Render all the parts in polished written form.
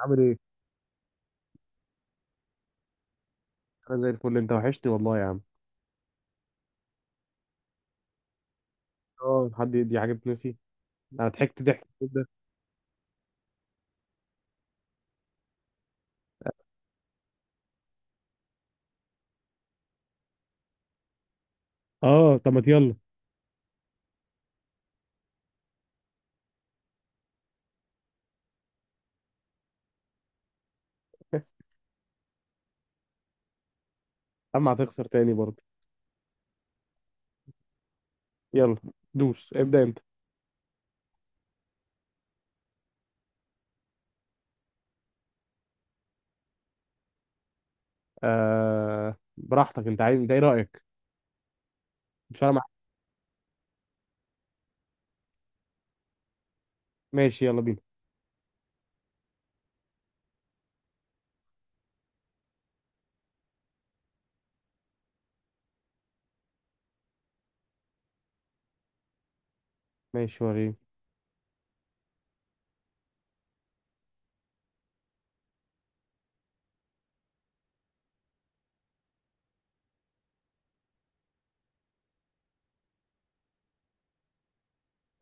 عامل ايه؟ انا زي الفل، انت وحشتي والله يا عم. اه، حد دي حاجه بتنسي؟ انا ضحكت ضحك كده. اه، طب ما يلا. اما هتخسر تاني برضه. يلا، دوس ابدا انت. آه، براحتك. انت ايه رايك؟ مش انا مع... ماشي يلا بينا. ماشي وريني.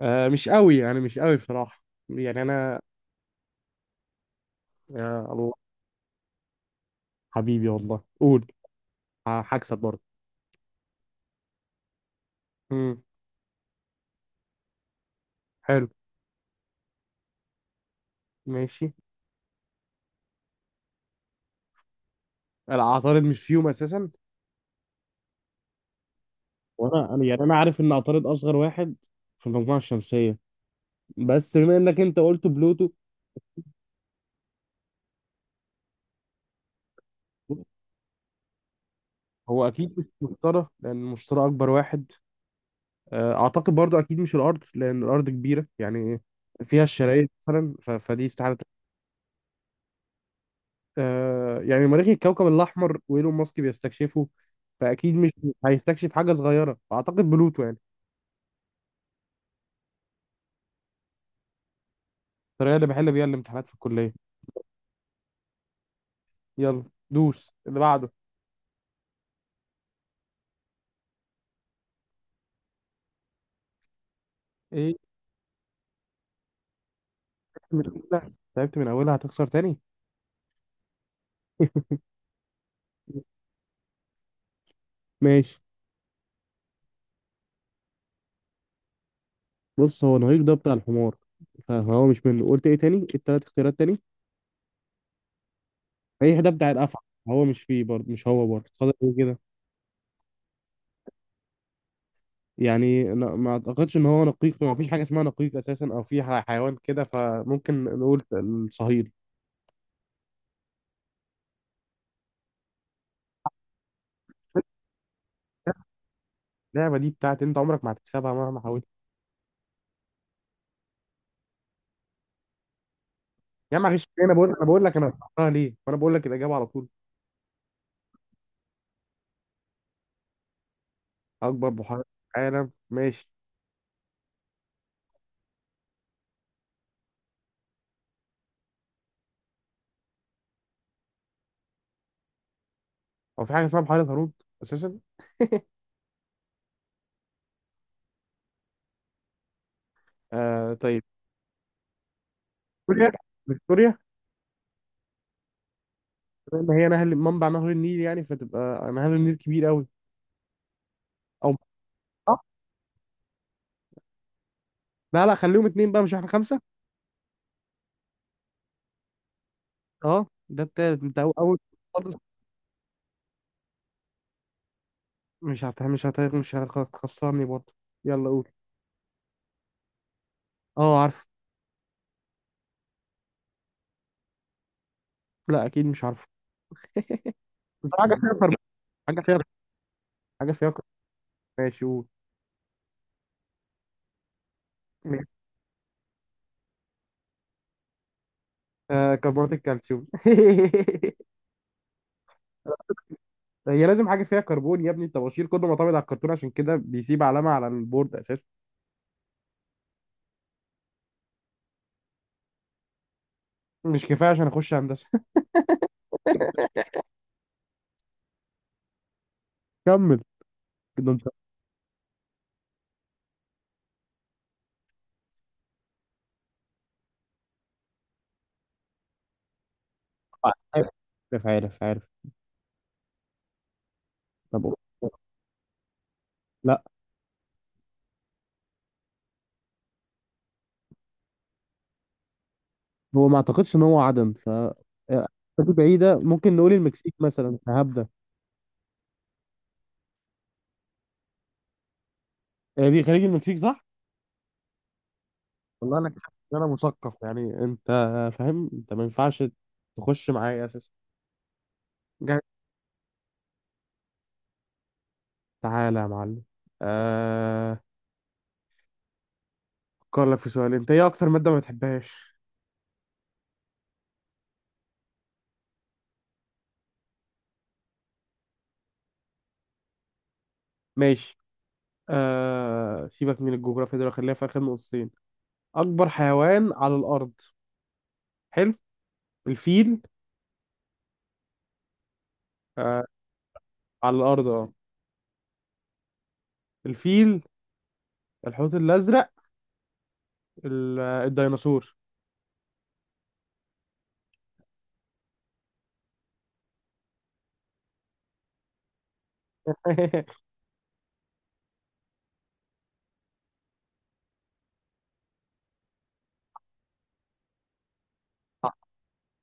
آه، مش قوي يعني، مش قوي بصراحه. يعني انا. يا الله. حبيبي والله قول. هكسب برضه. امم. حلو. ماشي. العطارد مش فيهم اساسا. وانا يعني، انا عارف ان عطارد اصغر واحد في المجموعه الشمسيه، بس بما انك انت قلت بلوتو. هو اكيد مش مشترى، لان المشترى اكبر واحد. اعتقد برضو اكيد مش الارض، لان الارض كبيره يعني، فيها الشرايط مثلا، فدي استحاله. يعني مريخ الكوكب الاحمر، وايلون ماسك بيستكشفه، فاكيد مش هيستكشف حاجه صغيره، فاعتقد بلوتو يعني. الطريقه اللي بحل بيها الامتحانات في الكليه. يلا، دوس اللي بعده. ايه؟ من اولها تعبت، من اولها هتخسر تاني. ماشي. بص، هو نهيق ده بتاع الحمار، فهو مش منه. قلت ايه تاني؟ التلات اختيارات تاني. ايه ده؟ بتاع الافعى. هو مش فيه برضه، مش هو برضه. فاضل ايه كده؟ يعني أنا ما اعتقدش ان هو نقيق، ما فيش حاجه اسمها نقيق اساسا، او في حيوان كده، فممكن نقول الصهيل. اللعبه دي بتاعت انت، عمرك ما هتكسبها مهما حاولت. يا عم معلش، انا بقول لك انا اخترتها ليه، وانا بقول لك الاجابه على طول. اكبر بحيره في العالم. ماشي. هو في حاجه اسمها بحيره هارون اساسا؟ آه طيب. فيكتوريا، فيكتوريا. لان هي نهر، منبع نهر النيل يعني، فتبقى نهر النيل كبير قوي. او آه، لا، لا، خليهم اتنين بقى، مش احنا خمسه؟ اه ده التالت، انت اول. خالص. مش هتخسرني برضه. يلا قول. اه، عارفه. لا، اكيد مش عارفه. بس حاجه فيها حاجه فيها حاجه فيها ماشي قول. ماشي. آه، كربونات الكالسيوم. هي لازم حاجه فيها كربون يا ابني، الطباشير كله معتمد على الكرتون، عشان كده بيسيب علامه على البورد اساسا. مش كفايه عشان اخش هندسه. كمل. كده انت. عارف، عارف، عارف. طب قول. لا، هو ما اعتقدش ان هو عدم، ف دي بعيده. ممكن نقول المكسيك مثلا، هبدا. هي دي خليج المكسيك صح؟ والله انا حاسس ان انا مثقف يعني، انت فاهم؟ انت ما ينفعش تخش معايا اساسا. جاي. تعالى يا معلم. آه... افكر لك في سؤال. انت ايه اكتر مادة ما بتحبهاش؟ ماشي. سيبك من الجغرافيا دول، خليها في اخر نقطتين. اكبر حيوان على الارض. حلو. الفيل. آه... على الارض، اه. الفيل، الحوت الازرق، الديناصور. صح.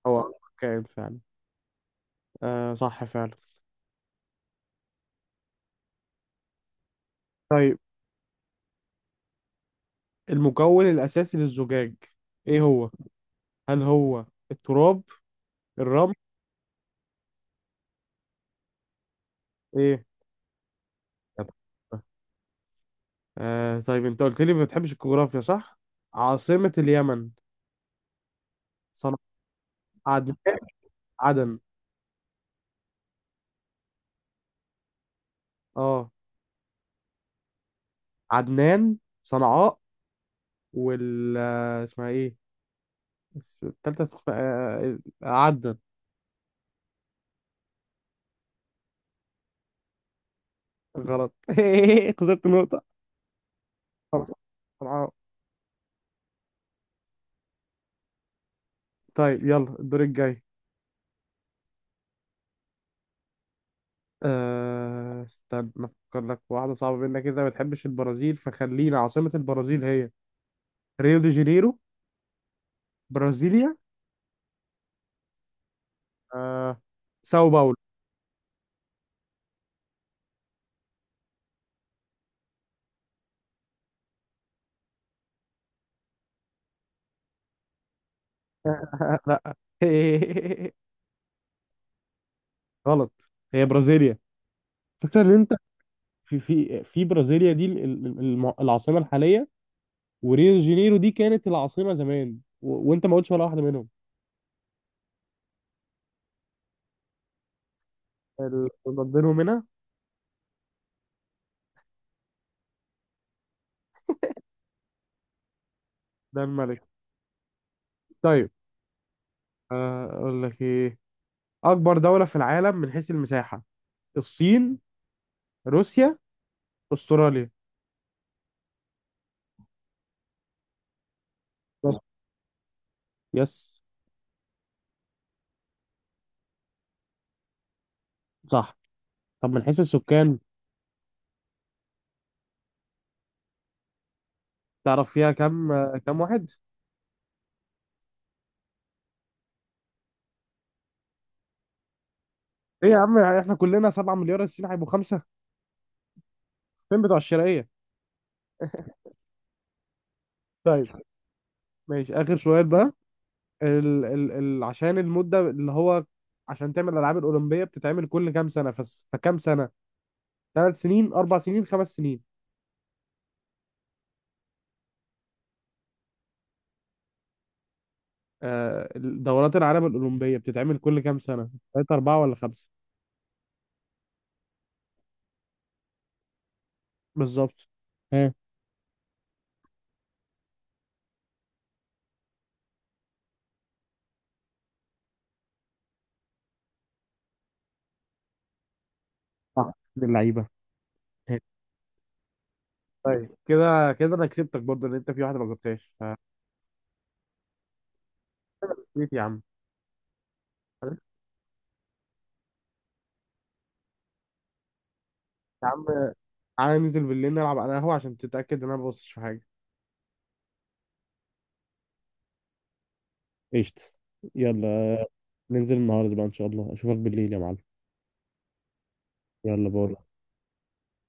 هو كائن فعلا. صح فعلا. طيب. المكون الأساسي للزجاج، إيه هو؟ هل هو التراب؟ الرمل؟ إيه؟ طب، آه طيب، أنت قلت لي ما بتحبش الجغرافيا صح؟ عاصمة اليمن. صنع عدن. عدن. أه. عدنان. صنعاء. وال آه، اسمها إيه؟ التالتة اسمها عدن. غلط. خسرت نقطة. صنعاء. طيب، يلا الدور الجاي. استنى، افكر لك واحدة صعبة منك كده. ما بتحبش البرازيل، فخلينا عاصمة البرازيل هي: ريو دي جانيرو، برازيليا، أه... ساو باولو. لا. غلط، هي برازيليا. فكرة ان انت، في برازيليا دي العاصمة الحالية، وريو دي جانيرو دي كانت العاصمة زمان، وانت ما قلتش ولا واحدة منهم. اللي بينهم هنا. ده الملك. طيب. اقول لك ايه. اكبر دولة في العالم من حيث المساحة. الصين، روسيا، استراليا؟ بالظبط. يس. صح. طب، من حيث السكان؟ تعرف فيها كام؟ كام واحد؟ ايه يا عم، احنا كلنا 7 مليار، الصين هيبقوا خمسة؟ فين بتوع الشرقية. طيب. ماشي، اخر سؤال بقى. ال ال ال عشان المدة اللي هو، عشان تعمل الالعاب الاولمبية بتتعمل كل كام سنة، فكام سنة؟ 3 سنين، 4 سنين، 5 سنين؟ دورات العالم الاولمبية بتتعمل كل كام سنة؟ ثلاثة، اربعة، ولا خمسة؟ بالظبط. ها. صح، من اللعيبه. طيب، كده انا كسبتك برضه، ان انت في واحده ما جبتهاش. فكسبت يا عم. خلاص يا عم، تعالى ننزل بالليل نلعب انا قهوه، عشان تتاكد ان انا ما ببصش في حاجه. قشطة. يلا. ننزل النهاردة بقى، إن شاء الله أشوفك بالليل يا معلم. يلا، باي.